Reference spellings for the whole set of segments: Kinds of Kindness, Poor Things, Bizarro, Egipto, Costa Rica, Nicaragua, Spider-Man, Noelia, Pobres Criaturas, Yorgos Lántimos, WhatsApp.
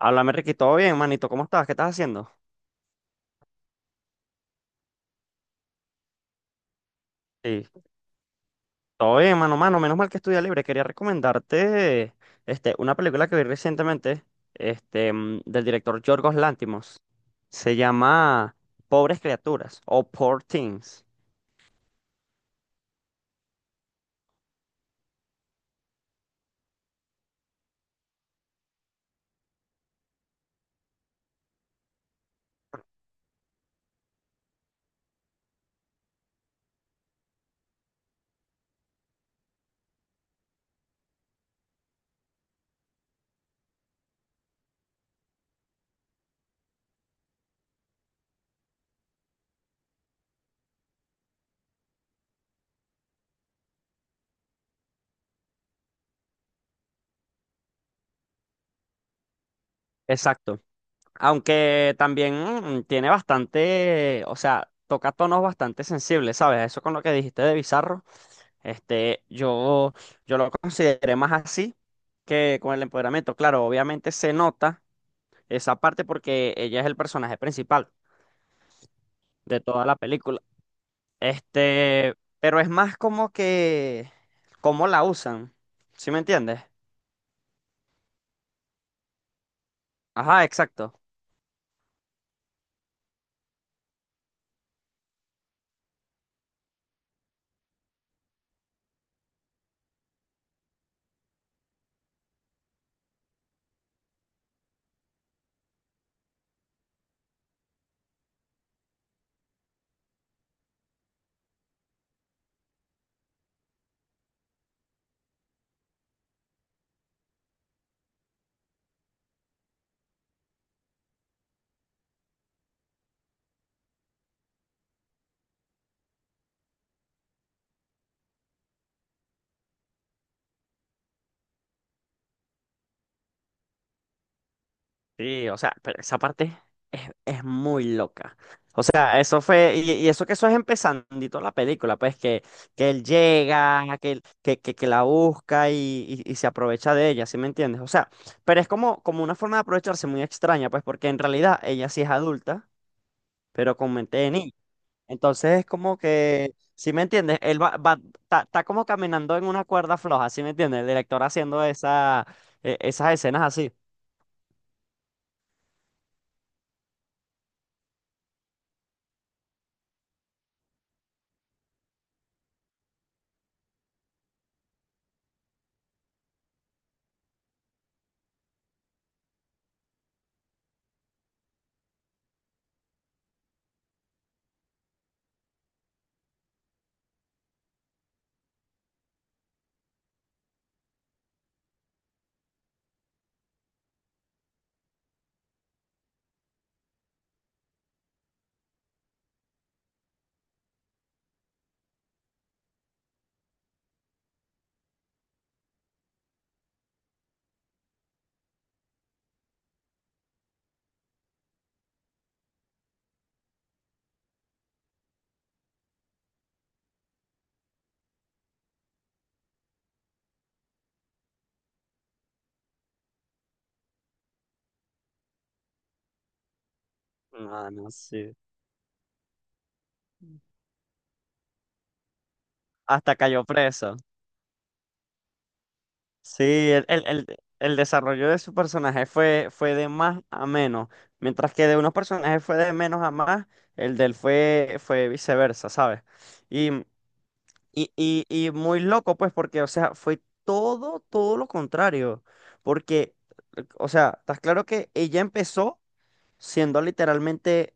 Háblame, Ricky, todo bien, manito, ¿cómo estás? ¿Qué estás haciendo? Sí, todo bien, mano, menos mal que estudia libre. Quería recomendarte una película que vi recientemente, del director Yorgos Lantimos. Se llama Pobres Criaturas o Poor Things. Exacto. Aunque también tiene bastante, o sea, toca tonos bastante sensibles, ¿sabes? Eso con lo que dijiste de bizarro, este, yo, yo lo consideré más así que con el empoderamiento. Claro, obviamente se nota esa parte porque ella es el personaje principal de toda la película. Este, pero es más como que cómo la usan, ¿sí me entiendes? Ajá, exacto. Sí, o sea, pero esa parte es muy loca. O sea, eso fue, y eso que eso es empezandito la película, pues que él llega, que, que la busca y se aprovecha de ella, ¿sí me entiendes? O sea, pero es como, como una forma de aprovecharse muy extraña, pues porque en realidad ella sí es adulta, pero con mente de niña. Entonces es como que, ¿si me entiendes? Él está, está como caminando en una cuerda floja, ¿sí me entiendes? El director haciendo esas escenas así. No, no, sí. Hasta cayó preso. Sí, el desarrollo de su personaje fue, fue de más a menos, mientras que de unos personajes fue de menos a más, el de él fue, fue viceversa, ¿sabes? Y, y muy loco, pues, porque, o sea, fue todo, todo lo contrario, porque, o sea, estás claro que ella empezó siendo literalmente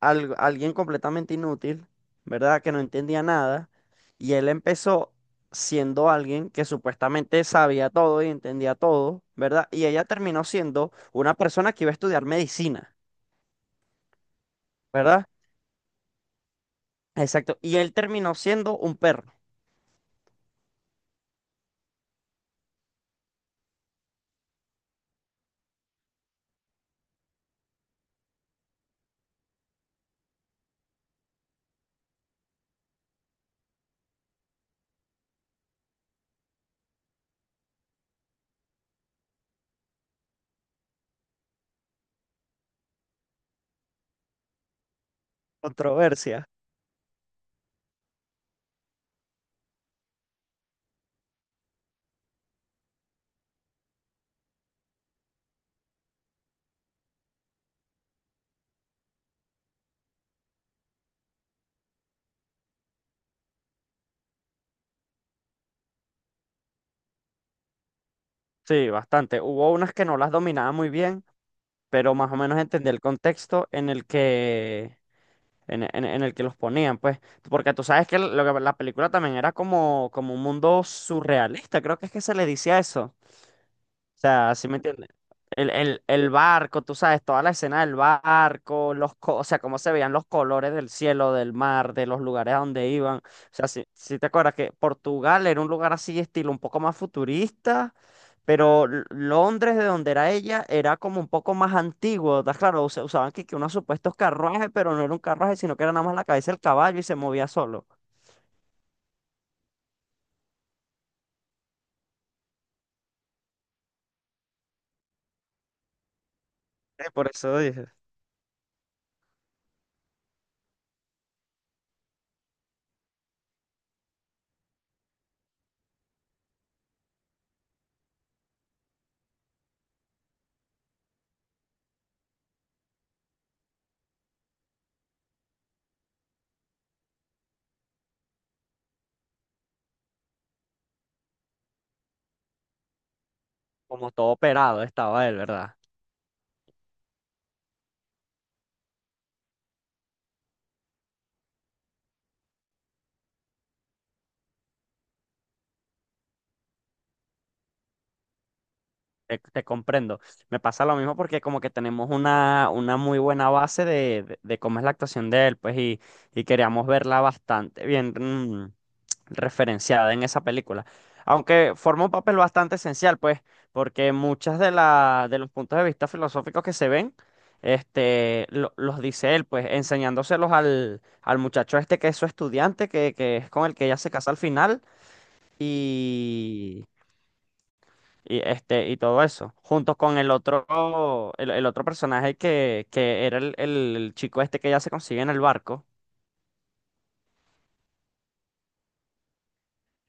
alguien completamente inútil, ¿verdad? Que no entendía nada. Y él empezó siendo alguien que supuestamente sabía todo y entendía todo, ¿verdad? Y ella terminó siendo una persona que iba a estudiar medicina, ¿verdad? Exacto. Y él terminó siendo un perro. Controversia. Sí, bastante. Hubo unas que no las dominaba muy bien, pero más o menos entendí el contexto en el que en el que los ponían, pues, porque tú sabes que la película también era como, como un mundo surrealista, creo que es que se le decía eso. O sea, ¿sí me entiendes? El barco, tú sabes, toda la escena del barco, o sea, cómo se veían los colores del cielo, del mar, de los lugares a donde iban. O sea, si te acuerdas que Portugal era un lugar así, estilo un poco más futurista. Pero Londres, de donde era ella, era como un poco más antiguo, ¿estás claro? Usaban que unos supuestos carruajes, pero no era un carruaje, sino que era nada más la cabeza del caballo y se movía solo. Por eso dije. Como todo operado estaba él, ¿verdad? Te comprendo. Me pasa lo mismo porque como que tenemos una muy buena base de cómo es la actuación de él, pues, y queríamos verla bastante bien, referenciada en esa película. Aunque forma un papel bastante esencial, pues, porque muchas de los puntos de vista filosóficos que se ven, los dice él, pues, enseñándoselos al muchacho este que es su estudiante, que es con el que ella se casa al final, y, y todo eso, junto con el otro, el otro personaje que era el chico este que ella se consigue en el barco.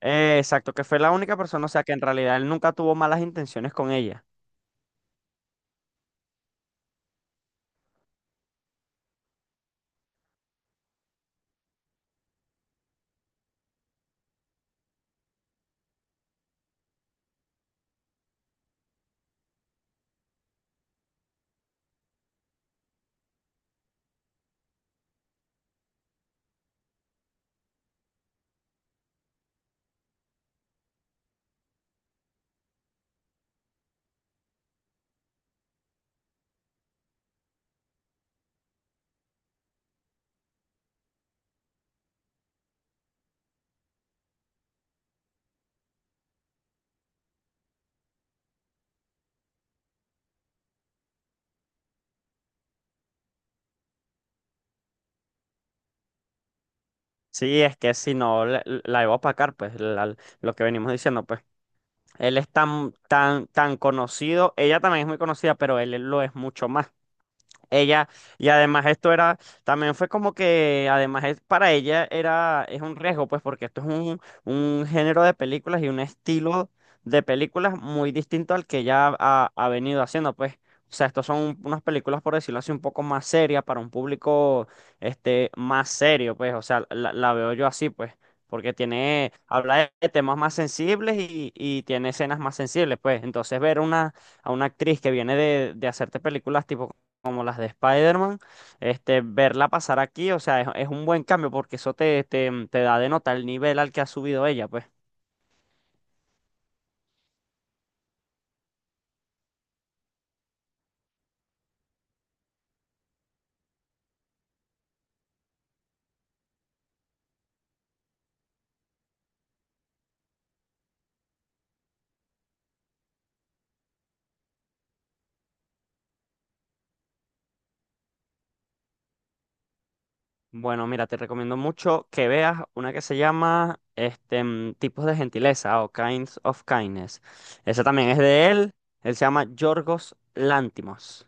Exacto, que fue la única persona, o sea, que en realidad él nunca tuvo malas intenciones con ella. Sí, es que si no la iba a opacar, pues lo que venimos diciendo, pues él es tan conocido, ella también es muy conocida, pero él lo es mucho más. Ella, y además esto era, también fue como que, además para ella era, es un riesgo, pues porque esto es un género de películas y un estilo de películas muy distinto al que ella ha venido haciendo, pues. O sea, estos son unas películas, por decirlo así, un poco más serias para un público, más serio, pues. O sea, la veo yo así, pues, porque tiene, habla de temas más sensibles y tiene escenas más sensibles, pues. Entonces ver una a una actriz que viene de hacerte películas tipo como las de Spider-Man, verla pasar aquí, o sea, es un buen cambio porque eso te da de nota el nivel al que ha subido ella, pues. Bueno, mira, te recomiendo mucho que veas una que se llama Tipos de Gentileza o Kinds of Kindness. Esa también es de él, él se llama Yorgos Lántimos.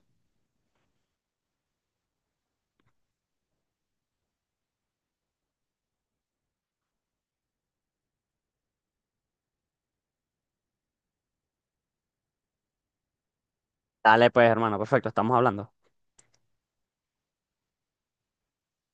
Dale, pues, hermano, perfecto, estamos hablando.